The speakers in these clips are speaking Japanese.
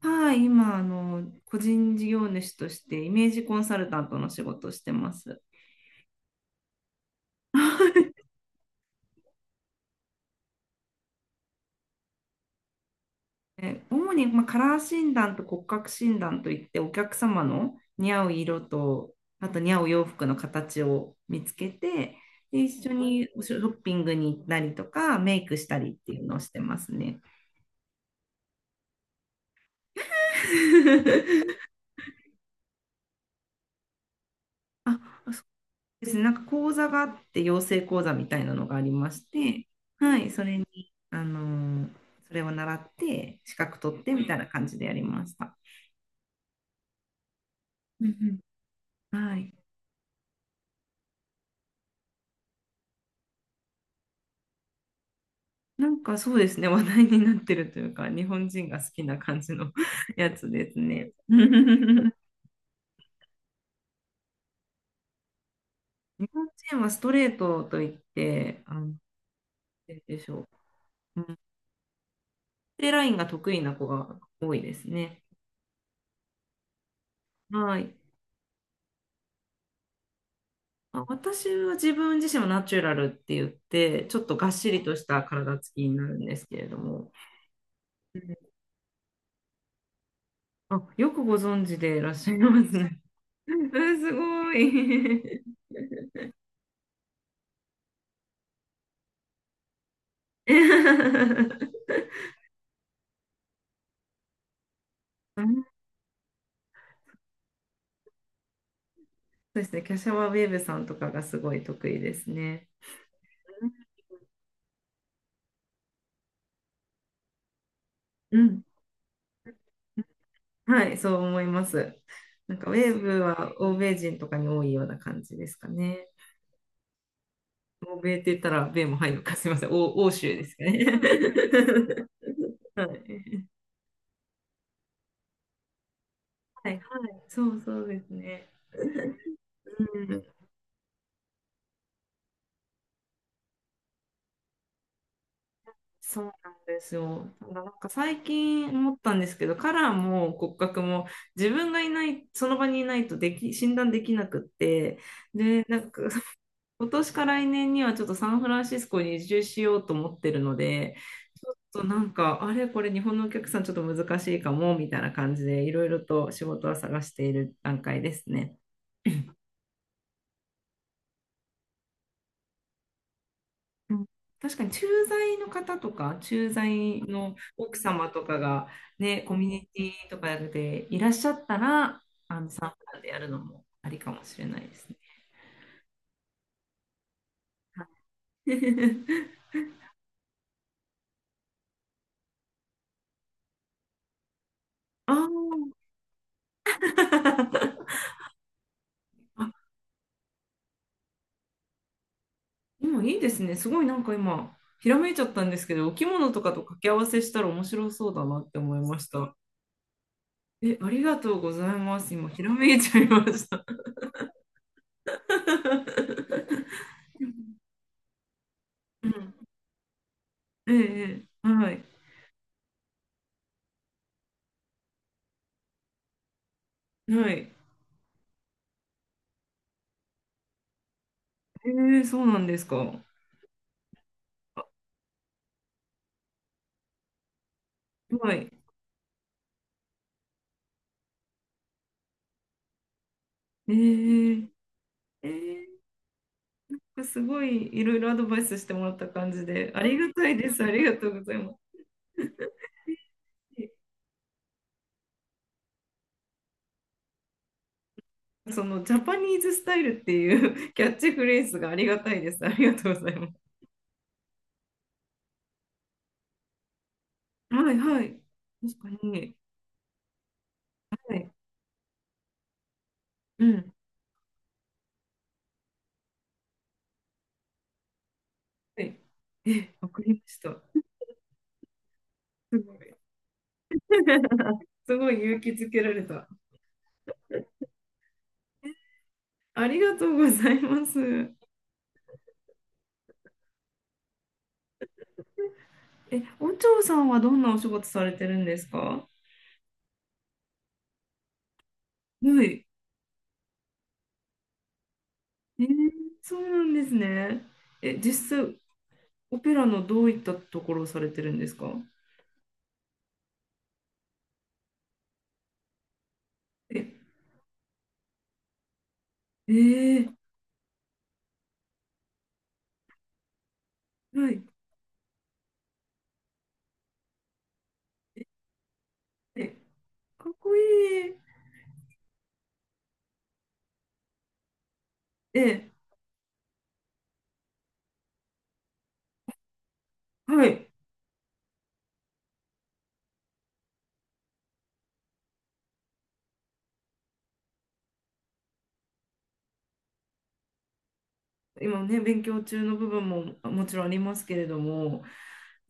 はい、今、個人事業主としてイメージコンサルタントの仕事をしてます。はい。え主に、まあ、カラー診断と骨格診断といってお客様の似合う色と、あと似合う洋服の形を見つけて、で一緒におショッピングに行ったりとかメイクしたりっていうのをしてますね。あ、ですね、なんか講座があって、養成講座みたいなのがありまして、はい、それに、あのーそれを習って、資格取ってみたいな感じでやりました。うんうん、はい。なんかそうですね、話題になってるというか、日本人が好きな感じの やつですね。日本人はストレートといって、なんて言うんでしょう。うん、縦ラインが得意な子が多いですね。はい。あ、私は自分自身もナチュラルって言って、ちょっとがっしりとした体つきになるんですけれども。うん、あ、よくご存知でいらっしゃいますね。うん、すごい。うん、そうですね、キャシャワウェーブさんとかがすごい得意ですね。うん。はい、そう思います。なんかウェーブは欧米人とかに多いような感じですかね。欧米って言ったら米も入るのか、すみません、欧州ですかね。はいはい、はい、そうそうですね。うん、そうなんですよ。ただなんか最近思ったんですけど、カラーも骨格も自分がいない、その場にいないとでき、診断できなくって、で、なんか 今年か来年にはちょっとサンフランシスコに移住しようと思ってるので、ちょっとなんか、あれ、これ日本のお客さんちょっと難しいかも、みたいな感じでいろいろと仕事は探している段階ですね。うん、確かに駐在の方とか、駐在の奥様とかがね、コミュニティとかでいらっしゃったら、参加でやるのもありかもしれないですね。はい。 あー、あ、今いいですね。すごいなんか今、ひらめいちゃったんですけど、お着物とかと掛け合わせしたら面白そうだなって思いました。え、ありがとうございます。今、ひらめいちゃいました。うん。ええ、ええ、はい。はい。えー、そうなんですか。はい。えー、えー、すごいいろいろアドバイスしてもらった感じで、ありがたいです。ありがとうございます。そのジャパニーズスタイルっていう キャッチフレーズがありがたいです。ありがとうございます。はいはい。確かに。はい。うん。はい。え、わかりました。すごい。すごい勇気づけられた。ありがとうございます。え、お嬢さんはどんなお仕事されてるんですか？はい。えー、そうなんですね。え、実際、オペラのどういったところをされてるんですか？え、えー、はい。え、かっこいい。え、はい。今ね、勉強中の部分もあ、もちろんありますけれども、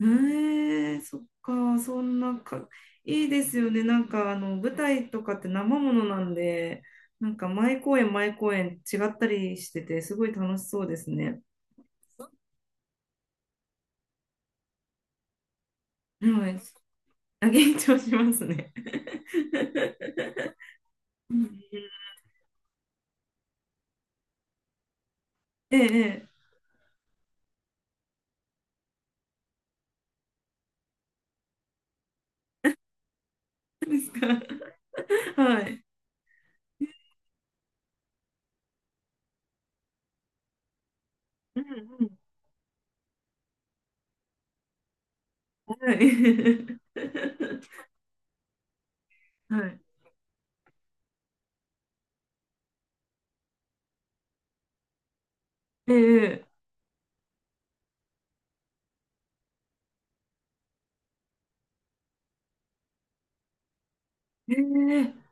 えー、そっか、そんなか、いいですよね。なんか、舞台とかって生ものなんで、なんか、毎公演、毎公演違ったりしてて、すごい楽しそうですね。はい。あ、緊張しますね。うん。ええ、ええ はい。うんうん。はい。はい。ええ、ええ。ええ、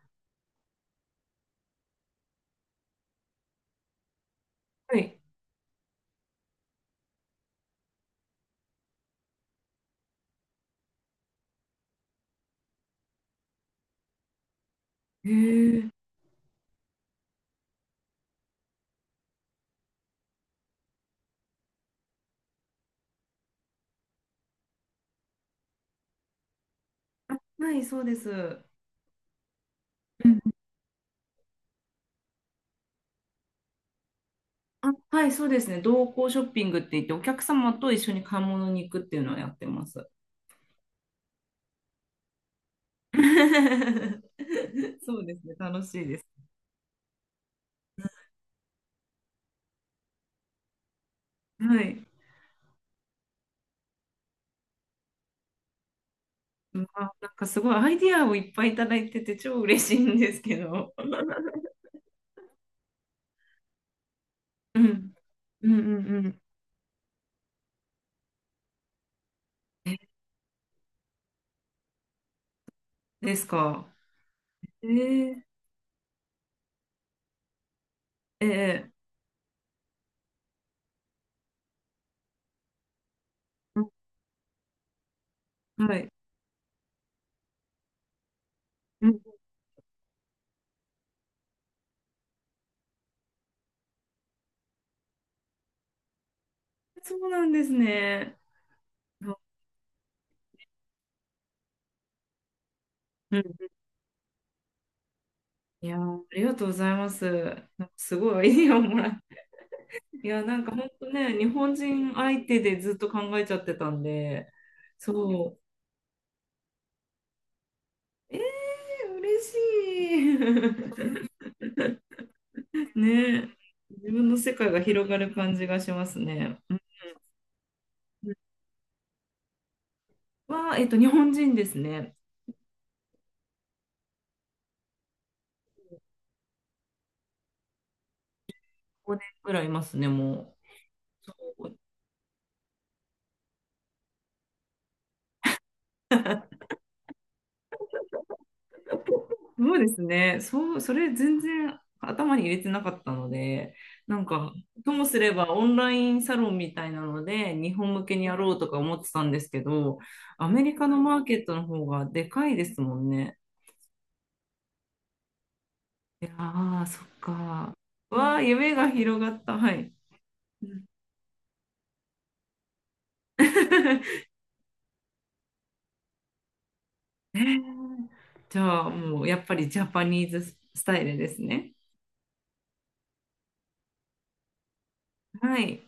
はい。ええ。あ、はい、そうです。うん、あ、はい、そうですね。同行ショッピングって言って、お客様と一緒に買い物に行くっていうのをやってます。そうですね。楽しいです。はい。まあ、なんかすごいアイディアをいっぱいいただいてて超嬉しいんですけど。うん。うんうんうん。ですか。えー、ええ、うん、はい。うん、そうなんですね。あ、うん、いやー、ありがとうございます。なんかすごい アイディアをもらって。いや、なんか本当ね、日本人相手でずっと考えちゃってたんで、そう。えー、嬉しい。ね、自分の世界が広がる感じがしますね。うん。は、えっと、日本人ですね。5年ぐらいいますね、もう。そう、そうですね。そう、それ全然頭に入れてなかったので、なんか、ともすればオンラインサロンみたいなので、日本向けにやろうとか思ってたんですけど、アメリカのマーケットの方がでかいですもんね。いやー、そっか。わあ、夢が広がった。はい。うん。 じゃあ、もうやっぱりジャパニーズスタイルですね。はい。